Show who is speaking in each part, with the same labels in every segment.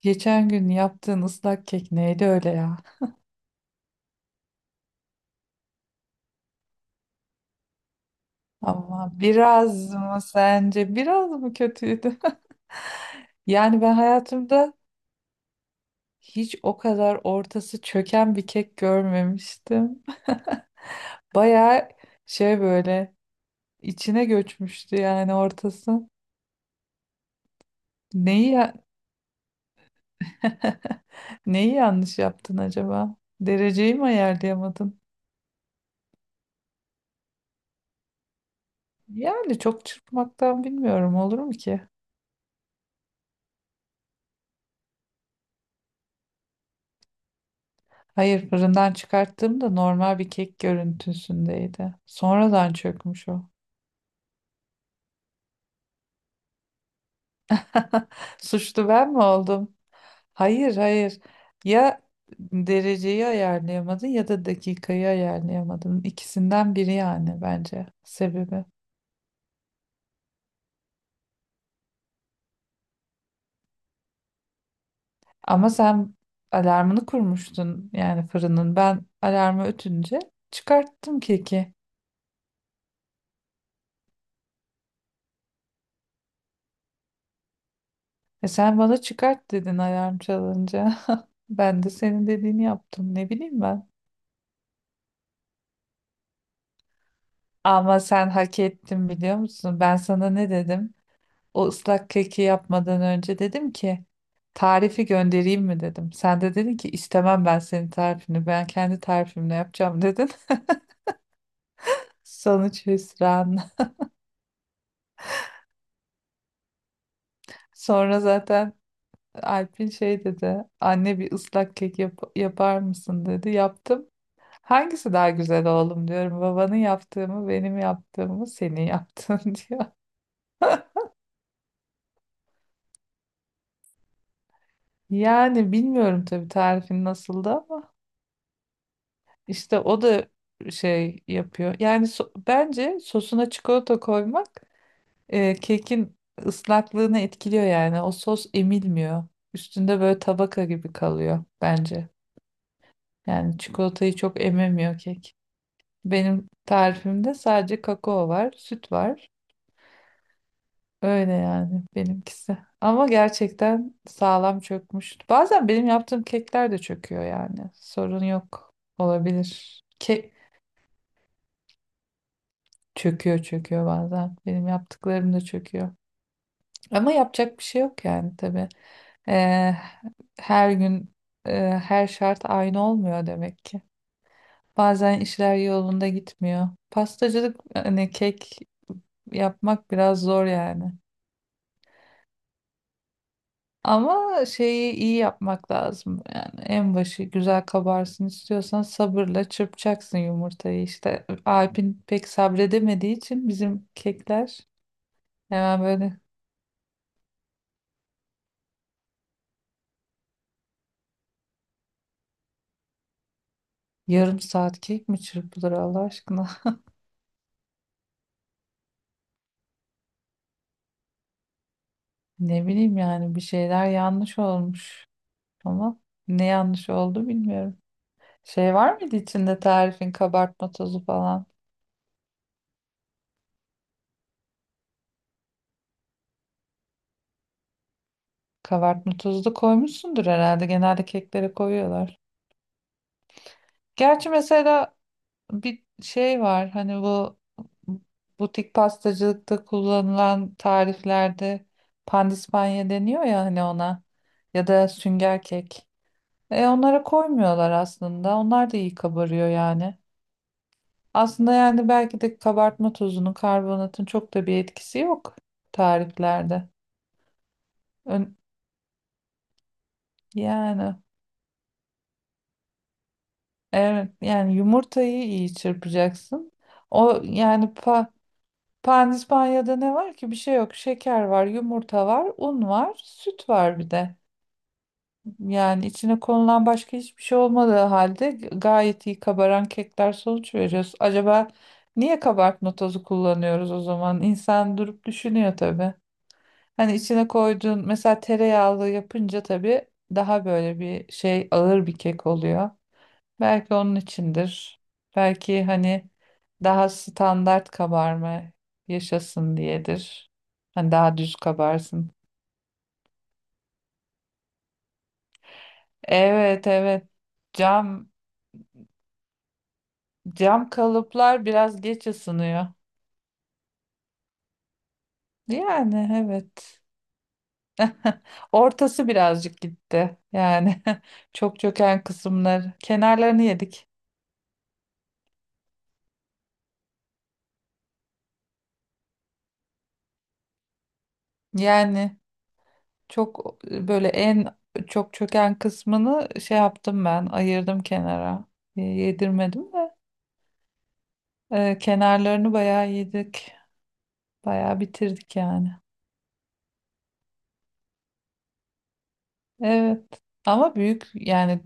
Speaker 1: Geçen gün yaptığın ıslak kek neydi öyle ya? Ama biraz mı sence biraz mı kötüydü? Yani ben hayatımda hiç o kadar ortası çöken bir kek görmemiştim. Bayağı şey böyle içine göçmüştü yani ortası. Neyi ya- neyi yanlış yaptın acaba? Dereceyi mi ayarlayamadın? Yani çok çırpmaktan bilmiyorum olur mu ki? Hayır fırından çıkarttığımda normal bir kek görüntüsündeydi. Sonradan çökmüş o. Suçlu ben mi oldum? Hayır, hayır. Ya dereceyi ayarlayamadın ya da dakikayı ayarlayamadın. İkisinden biri yani bence sebebi. Ama sen alarmını kurmuştun yani fırının. Ben alarmı ötünce çıkarttım keki. E sen bana çıkart dedin alarm çalınca. Ben de senin dediğini yaptım. Ne bileyim ben. Ama sen hak ettin biliyor musun? Ben sana ne dedim? O ıslak keki yapmadan önce dedim ki tarifi göndereyim mi dedim. Sen de dedin ki istemem ben senin tarifini. Ben kendi tarifimle yapacağım dedin. Sonuç hüsran. Sonra zaten Alp'in şey dedi. Anne bir ıslak kek yap yapar mısın dedi. Yaptım. Hangisi daha güzel oğlum diyorum. Babanın yaptığı mı benim yaptığım mı senin yaptığın diyor. Yani bilmiyorum tabii tarifin nasıldı. İşte o da şey yapıyor. Yani bence sosuna çikolata koymak kekin ıslaklığını etkiliyor yani. O sos emilmiyor. Üstünde böyle tabaka gibi kalıyor bence. Yani çikolatayı çok ememiyor kek. Benim tarifimde sadece kakao var, süt var. Öyle yani benimkisi. Ama gerçekten sağlam çökmüş. Bazen benim yaptığım kekler de çöküyor yani. Sorun yok. Olabilir. Çöküyor çöküyor bazen. Benim yaptıklarım da çöküyor. Ama yapacak bir şey yok yani tabii. Ee, her gün her şart aynı olmuyor demek ki. Bazen işler yolunda gitmiyor. Pastacılık hani kek yapmak biraz zor yani. Ama şeyi iyi yapmak lazım. Yani en başı güzel kabarsın istiyorsan sabırla çırpacaksın yumurtayı işte. Alp'in pek sabredemediği için bizim kekler hemen böyle. Yarım saat kek mi çırpılır Allah aşkına? Ne bileyim yani bir şeyler yanlış olmuş. Ama ne yanlış oldu bilmiyorum. Şey var mıydı içinde tarifin kabartma tozu falan? Kabartma tozu da koymuşsundur herhalde. Genelde keklere koyuyorlar. Gerçi mesela bir şey var. Hani bu butik pastacılıkta kullanılan tariflerde pandispanya deniyor ya hani ona. Ya da sünger kek. E onlara koymuyorlar aslında. Onlar da iyi kabarıyor yani. Aslında yani belki de kabartma tozunun, karbonatın çok da bir etkisi yok tariflerde. Ön- yani evet yani yumurtayı iyi çırpacaksın. O yani pandispanya'da ne var ki? Bir şey yok. Şeker var, yumurta var, un var, süt var bir de. Yani içine konulan başka hiçbir şey olmadığı halde gayet iyi kabaran kekler sonuç veriyoruz. Acaba niye kabartma tozu kullanıyoruz o zaman? İnsan durup düşünüyor tabii. Hani içine koyduğun mesela tereyağlı yapınca tabii daha böyle bir şey ağır bir kek oluyor. Belki onun içindir. Belki hani daha standart kabarma yaşasın diyedir. Hani daha düz kabarsın. Evet, evet. Cam Cam kalıplar biraz geç ısınıyor. Yani evet. Ortası birazcık gitti. Yani çok çöken kısımlar. Kenarlarını yedik. Yani çok böyle en çok çöken kısmını şey yaptım ben. Ayırdım kenara. Yedirmedim de. Kenarlarını bayağı yedik. Bayağı bitirdik yani. Evet. Ama büyük yani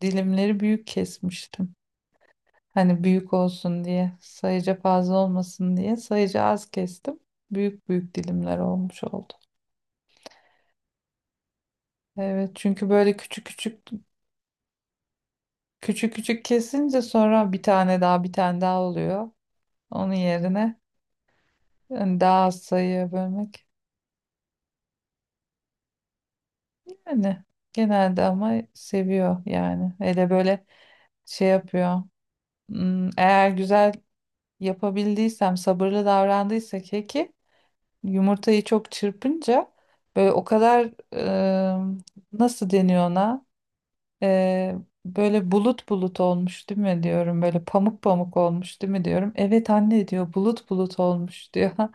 Speaker 1: dilimleri büyük kesmiştim. Hani büyük olsun diye, sayıca fazla olmasın diye sayıca az kestim. Büyük büyük dilimler olmuş oldu. Evet, çünkü böyle küçük küçük küçük küçük kesince sonra bir tane daha bir tane daha oluyor. Onun yerine hani daha az sayıya bölmek. Yani genelde ama seviyor yani. Hele böyle şey yapıyor. Eğer güzel yapabildiysem, sabırlı davrandıysa keki yumurtayı çok çırpınca böyle o kadar e, nasıl deniyor ona? E, böyle bulut bulut olmuş değil mi diyorum. Böyle pamuk pamuk olmuş değil mi diyorum. Evet anne diyor bulut bulut olmuş diyor.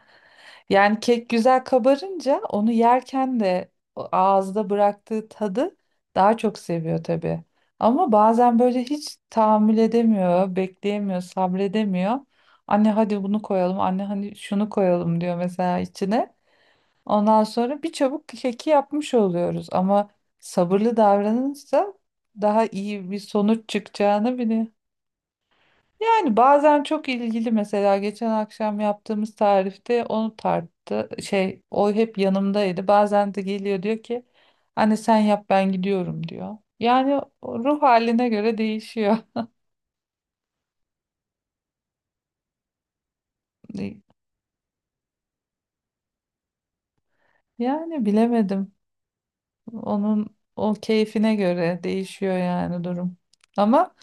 Speaker 1: Yani kek güzel kabarınca onu yerken de o ağızda bıraktığı tadı daha çok seviyor tabii. Ama bazen böyle hiç tahammül edemiyor, bekleyemiyor, sabredemiyor. Anne hadi bunu koyalım, anne hani şunu koyalım diyor mesela içine. Ondan sonra bir çabuk keki yapmış oluyoruz ama sabırlı davranırsa daha iyi bir sonuç çıkacağını bile. Yani bazen çok ilgili mesela geçen akşam yaptığımız tarifte onu tarttı. Şey o hep yanımdaydı. Bazen de geliyor diyor ki anne sen yap ben gidiyorum diyor. Yani o ruh haline göre değişiyor. Yani bilemedim. Onun o keyfine göre değişiyor yani durum. Ama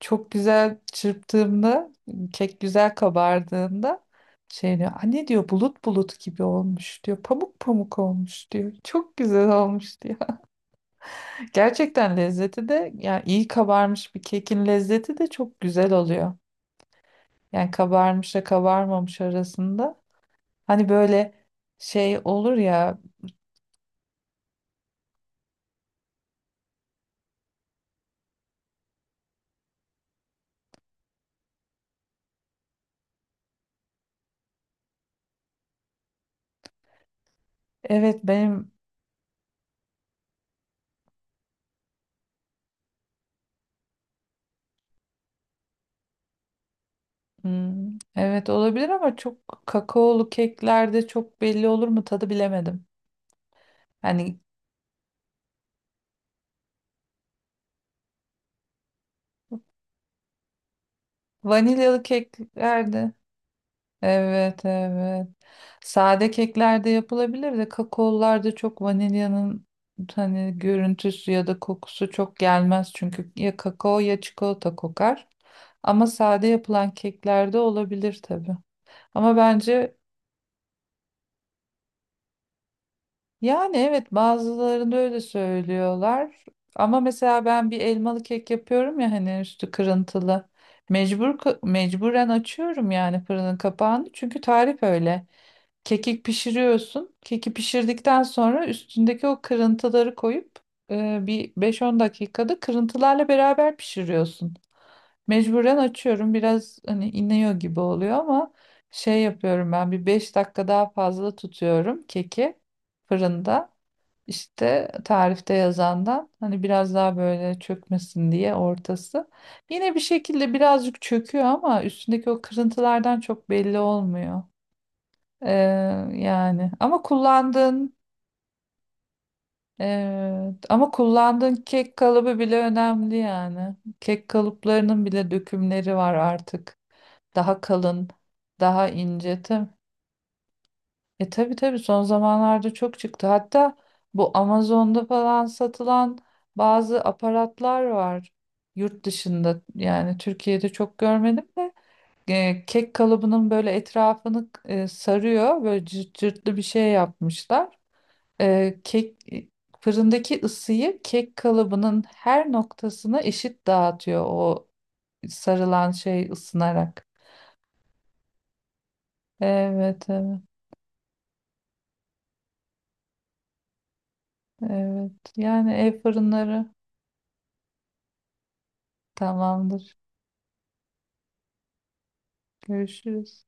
Speaker 1: çok güzel çırptığımda kek güzel kabardığında şey diyor anne diyor bulut bulut gibi olmuş diyor pamuk pamuk olmuş diyor çok güzel olmuş diyor. Gerçekten lezzeti de yani iyi kabarmış bir kekin lezzeti de çok güzel oluyor yani kabarmışla kabarmamış arasında hani böyle şey olur ya. Evet benim. hmm, evet olabilir ama çok kakaolu keklerde çok belli olur mu tadı bilemedim. Hani vanilyalı keklerde evet, evet sade keklerde yapılabilir de kakaolularda çok vanilyanın hani görüntüsü ya da kokusu çok gelmez çünkü ya kakao ya çikolata kokar. Ama sade yapılan keklerde olabilir tabii. Ama bence. Yani evet bazılarında öyle söylüyorlar. Ama mesela ben bir elmalı kek yapıyorum ya hani üstü kırıntılı. Mecburen açıyorum yani fırının kapağını. Çünkü tarif öyle. Kekik pişiriyorsun. Keki pişirdikten sonra üstündeki o kırıntıları koyup bir 5-10 dakikada kırıntılarla beraber pişiriyorsun. Mecburen açıyorum. Biraz hani iniyor gibi oluyor ama şey yapıyorum ben bir 5 dakika daha fazla tutuyorum keki fırında. İşte tarifte yazandan hani biraz daha böyle çökmesin diye ortası. Yine bir şekilde birazcık çöküyor ama üstündeki o kırıntılardan çok belli olmuyor. Ee, yani ama kullandığın ama kullandığın kek kalıbı bile önemli yani. Kek kalıplarının bile dökümleri var artık. Daha kalın, daha ince. E tabii tabii son zamanlarda çok çıktı. Hatta bu Amazon'da falan satılan bazı aparatlar var yurt dışında. Yani Türkiye'de çok görmedim de kek kalıbının böyle etrafını sarıyor. Böyle cırt cırtlı bir şey yapmışlar. E, kek e, fırındaki ısıyı kek kalıbının her noktasına eşit dağıtıyor o sarılan şey ısınarak. Evet, evet, evet. Yani ev fırınları tamamdır. Görüşürüz.